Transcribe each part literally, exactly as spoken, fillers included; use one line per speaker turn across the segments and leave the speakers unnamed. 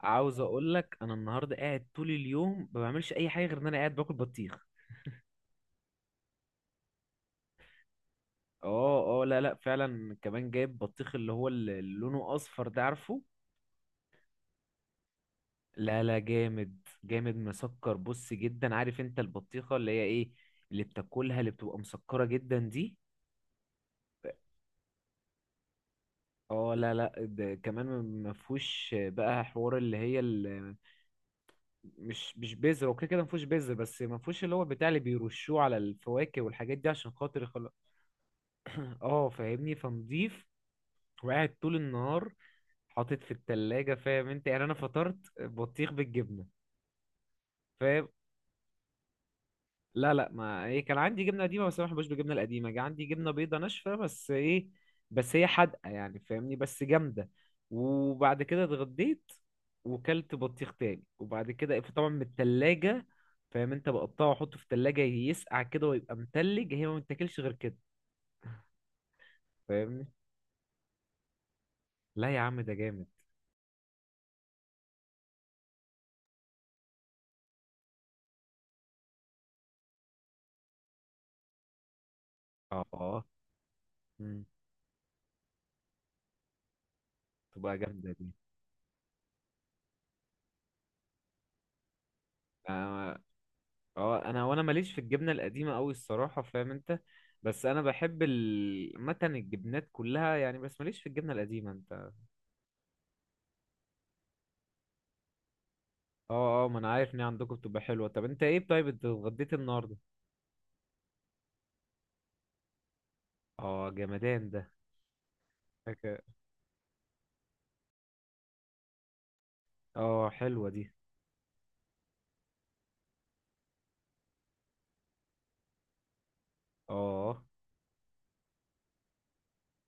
عاوز اقول لك انا النهارده قاعد طول اليوم ما بعملش اي حاجه غير ان انا قاعد باكل بطيخ. اه اه، لا لا، فعلا كمان جايب بطيخ اللي هو اللي لونه اصفر ده، عارفه؟ لا لا، جامد جامد مسكر بص جدا، عارف انت البطيخه اللي هي ايه؟ اللي بتاكلها، اللي بتبقى مسكره جدا دي. اه، لا لا، ده كمان. ما فيهوش بقى حوار اللي هي ال- مش مش بذر. اوكي كده، ما فيهوش بذر، بس ما فيهوش اللي هو بتاع اللي بيرشوه على الفواكه والحاجات دي عشان خاطر يخلق. اه، فاهمني، فنضيف. وقاعد طول النهار، حاطط في التلاجة، فاهم انت؟ يعني انا فطرت بطيخ بالجبنة. فاهم. لا لا، ما ايه، كان عندي جبنة قديمة، بس انا ما بحبش بالجبنة القديمة. جه عندي جبنة بيضة ناشفة، بس ايه، بس هي حادقة يعني، فاهمني، بس جامدة. وبعد كده اتغديت. وكلت بطيخ تاني وبعد كده طبعا من التلاجة. فاهم انت؟ بقطعه واحطه في التلاجة يسقع كده ويبقى متلج، هي ما بتاكلش غير كده. فاهمني. لا يا عم، ده جامد. اه اه، مم. تبقى جامدة دي. آه، اه، انا وانا ماليش في الجبنه القديمه قوي الصراحه، فاهم انت؟ بس انا بحب ال- متن الجبنات كلها يعني، بس ماليش في الجبنه القديمه انت. اه اه، ما انا عارف ان هي عندكم بتبقى حلوه. طب انت ايه؟ طيب انت اتغديت النهارده؟ اه، جمدان ده. حكا- اه، حلوه دي. اه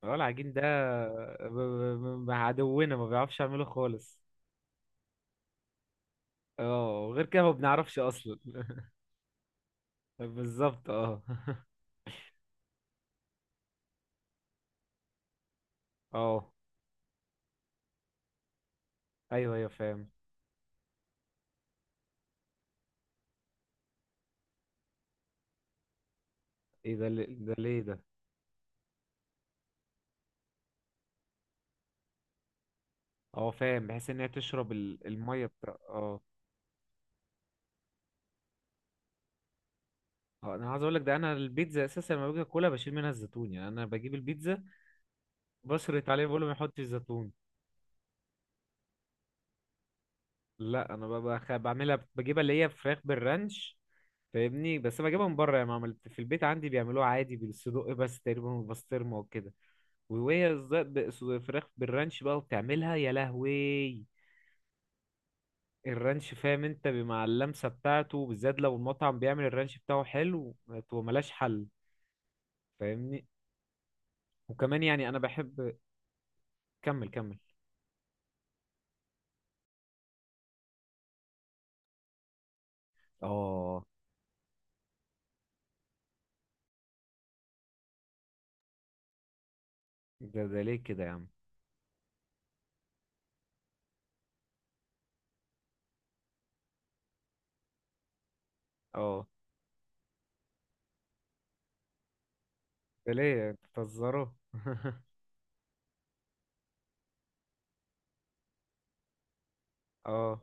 اه، العجين ده. ب- ب- ب- عدونا ما بيعرفش يعمله خالص. اه، وغير كده ما بنعرفش اصلا بالظبط اه اه، ايوه ايوه، فاهم. ايه ده؟ اللي- ده ليه ده؟ اه، فاهم، بحيث ان هي تشرب ال- الميه بتاع اه آه، انا عايز اقول لك، ده انا البيتزا اساسا لما باجي اكلها بشيل منها الزيتون يعني، انا بجيب البيتزا، بشرط عليه بقول له ما يحطش زيتون. لا، انا ب- بخ- بعملها، بجيبها اللي هي فراخ بالرانش. فاهمني. بس بجيبها من بره، يعني ما عملت في البيت. عندي بيعملوها عادي بالصدق بس تقريبا، والبسطرمه وكده. وهي الز- ب- س- فراخ بالرانش بقى وبتعملها، يا لهوي! الرانش فاهم انت، مع اللمسه بتاعته بالذات لو المطعم بيعمل الرانش بتاعه حلو، ما- تبقى ملهاش حل. فاهمني. وكمان يعني انا بحب. كمل كمل. اه، ده ده ليه كده يا عم؟ اه، ده ليه بتهزروا؟ اه،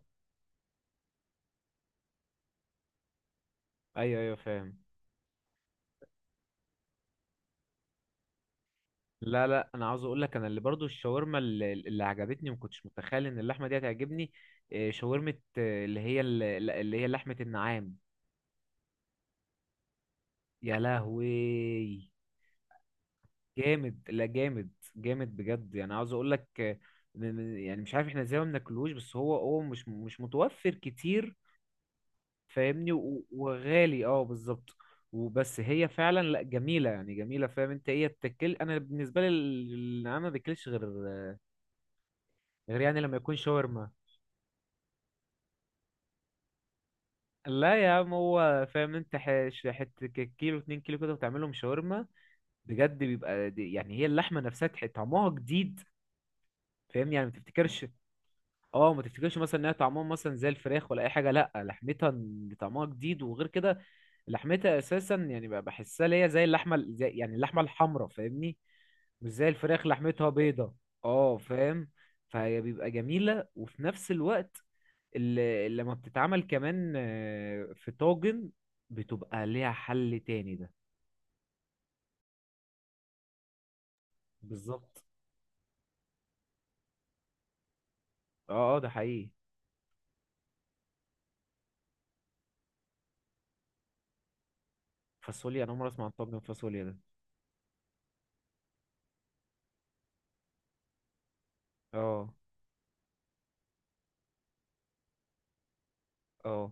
ايوه ايوه، فاهم. لا لا، انا عاوز اقول لك انا اللي برضو الشاورما اللي, اللي عجبتني، ما كنتش متخيل ان اللحمه دي هتعجبني. آه، شاورمه آه، اللي هي ال- اللي هي لحمه النعام. يا لهوي. جامد، لا جامد. جامد بجد، يعني عاوز اقول لك آه، من- من- يعني مش عارف احنا ازاي ما بناكلوش، بس هو هو مش مش متوفر كتير. فاهمني، و- وغالي، اه، بالظبط. وبس هي فعلا، لا جميله يعني جميله، فاهم انت ايه التكل؟ انا بالنسبه لي النعام ما باكلش غير غير يعني لما يكون شاورما. لا يا عم، هو فاهم انت، ح- ش- حته ك- كيلو اتنين كيلو كده وتعملهم شاورما. بجد بيبقى دي- يعني هي اللحمه نفسها تح- طعمها جديد. فاهم؟ يعني ما تفتكرش. اه، ما تفتكرش مثلا انها طعمها مثلا زي الفراخ ولا اي حاجه، لا لحمتها طعمها جديد وغير كده. لحمتها اساسا يعني بقى بحسها ليا زي اللحمه ال- زي يعني اللحمه الحمراء، فاهمني. مش زي الفراخ لحمتها بيضه. اه، فاهم. فهي بيبقى جميله وفي نفس الوقت اللي لما بتتعمل كمان آه، في طاجن بتبقى ليها حل تاني ده. بالظبط. اه اه، ده حقيقي. فاصوليا؟ انا عمري اسمع عن طاجن فاصوليا ده. اه اه،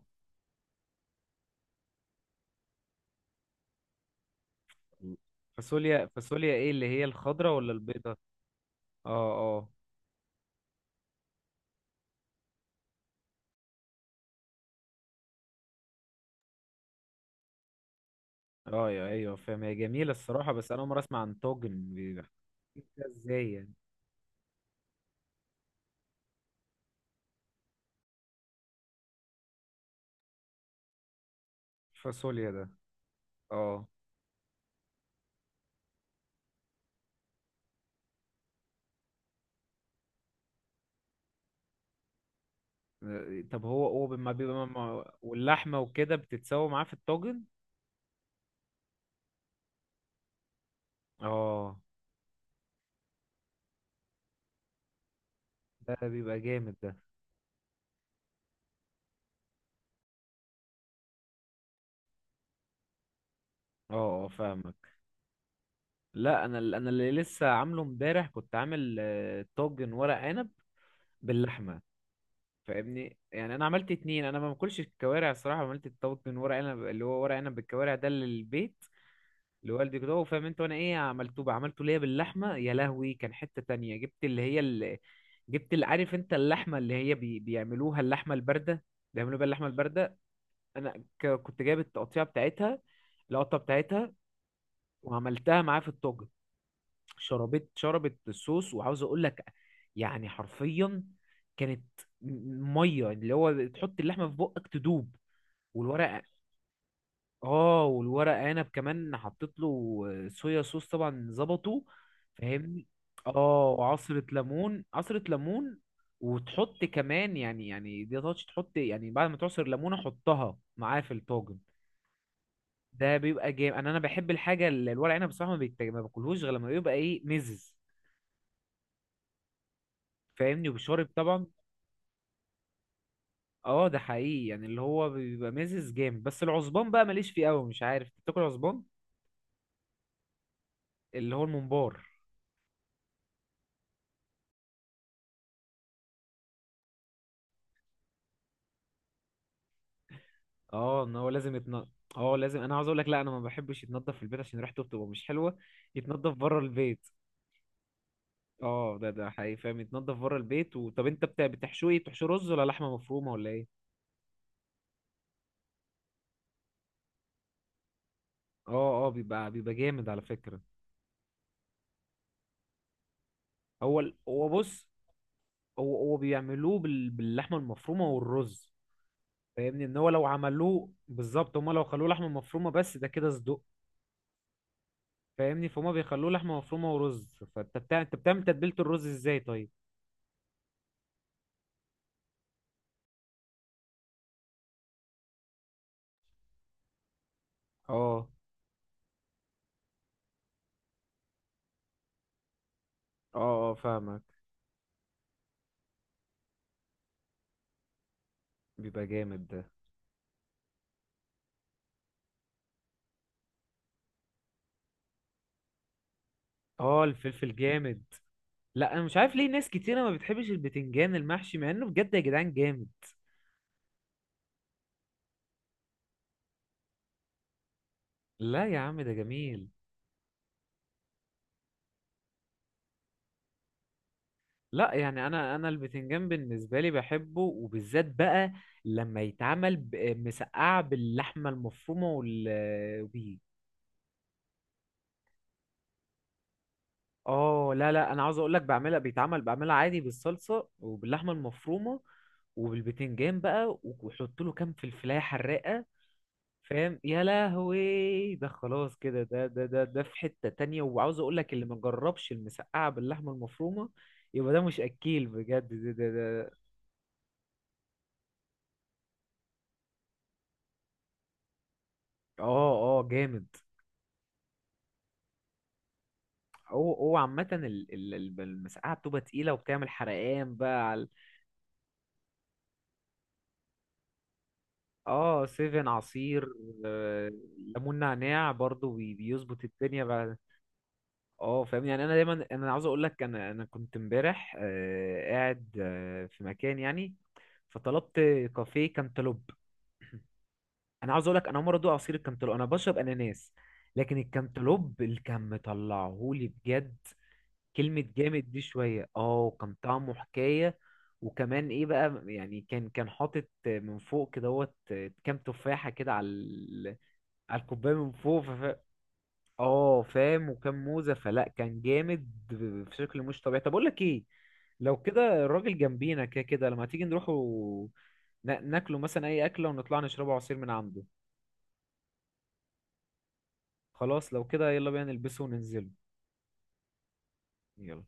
فاصوليا فاصوليا، ايه اللي هي، الخضراء ولا البيضه؟ اه اه. اه، يا- ايوه فاهم، هي جميله الصراحه، بس انا اول مره اسمع عن توجن بيبقى. ده ازاي يعني؟ فاصوليا ده. اه. طب هو هو ما بيبقى ما ما- واللحمه وكده بتتسوى معاه في الطاجن. اه، ده بيبقى جامد ده. اه اه، فاهمك. لا، انا ال- انا اللي لسه عامله امبارح، كنت عامل آه، طاجن ورق عنب باللحمه. فاهمني، يعني انا عملت اتنين. انا ما باكلش الكوارع الصراحه، عملت الطاجن ورق عنب اللي هو ورق عنب بالكوارع ده للبيت، لوالدي كده هو، فاهم انت؟ وانا ايه عملته بقى، عملته ليا باللحمه، يا لهوي! كان حته تانية، جبت اللي هي اللي جبت اللي عارف انت، اللحمه اللي هي بي... بيعملوها اللحمه البارده، بيعملوا بيها اللحمه البارده. انا ك... كنت جايب التقطيعه بتاعتها، القطه بتاعتها، وعملتها معاه في الطاجن. شربت شربت الصوص، وعاوز اقول لك يعني حرفيا، كانت م- ميه، اللي هو تحط اللحمه في بقك تدوب والورق. اه، والورق عنب كمان حطيت له صويا صوص طبعا ظبطه. فاهمني. اه، وعصرة ليمون عصرة ليمون. وتحط كمان يعني، يعني دي تاتش، تحط يعني بعد ما تعصر ليمونة حطها معاه في الطاجن. ده بيبقى جامد. انا انا بحب الحاجة اللي الورق عنب بصراحة، ما, بيت... ما باكلهوش غير لما بيبقى ايه مزز. فاهمني، وبشارب طبعا. اه، ده حقيقي، يعني اللي هو بيبقى مزز جامد. بس العصبان بقى ماليش فيه قوي، مش عارف بتاكل عصبان؟ اللي هو الممبار. اه، ان هو لازم يتنضف. اه، لازم. انا عاوز اقول لك، لا انا ما بحبش يتنضف في البيت عشان ريحته بتبقى مش حلوه، يتنضف بره البيت. اه، ده ده حقيقي، فاهم يتنضف بره البيت و... طب انت بتاع بتحشوه ايه؟ بتحشوه رز ولا لحمه مفرومه ولا ايه؟ اه اه، بيبقى بيبقى جامد على فكره. هو ال... هو بص، هو هو بيعملوه بال... باللحمه المفرومه والرز. فاهمني، ان هو لو عملوه بالظبط هما، لو خلوه لحمه مفرومه بس، ده كده صدق. فاهمني، فهم بيخلوه لحمه مفرومه ورز. فانت بتاع انت بتعمل تتبيله الرز ازاي طيب؟ اه اه اه، فاهمك. بيبقى جامد ده. اه، الفلفل جامد. لا، انا مش عارف ليه ناس كتيرة ما بتحبش البتنجان المحشي، مع انه بجد يا جدعان جامد. لا يا عم، ده جميل. لا، يعني انا انا البتنجان بالنسبه لي بحبه، وبالذات بقى لما يتعمل ب- مسقعه باللحمه المفرومه وال بيه. اه، لا لا، انا عاوز اقول لك، بعملها بيتعمل بعملها عادي بالصلصه وباللحمه المفرومه، وبالبتنجان بقى، وحط له كام فلفلايه حراقه. فاهم، يا لهوي، ده خلاص كده. ده ده ده ده في حتة تانية، وعاوز اقول لك اللي ما جربش المسقعة باللحمة المفرومة يبقى ده مش اكيل بجد، ده ده. ده. اه اه، جامد. هو هو عامة ال- ال- ال- المسقعة بتبقى تقيلة، وبتعمل حرقان بقى على. اه، سيفن عصير. آه، ليمون نعناع برضو بي- بيظبط الدنيا بقى. اه، فاهم، يعني انا دايما انا عاوز اقول لك، انا انا كنت امبارح آه، قاعد آه، في مكان يعني، فطلبت كافيه كانتالوب. انا عاوز اقول لك، انا عمري ادوق عصير الكامتالوب، انا بشرب اناناس. لكن الكامتالوب اللي كان مطلعهولي بجد، كلمة جامد دي شوية، اه، كان طعمه حكاية. وكمان ايه بقى، يعني كان كان حاطط من فوق كدهوت كام تفاحة كده على ال- على الكوباية من فوق فف- اه، فاهم، وكام موزة، فلا كان جامد في شكل مش طبيعي. طب اقول لك ايه، لو كده الراجل جنبينا كده كده، لما تيجي نروح و... نا- ناكله مثلا اي اكلة، ونطلع نشربه عصير من عنده. خلاص، لو كده يلا بينا نلبسه وننزله. يلا.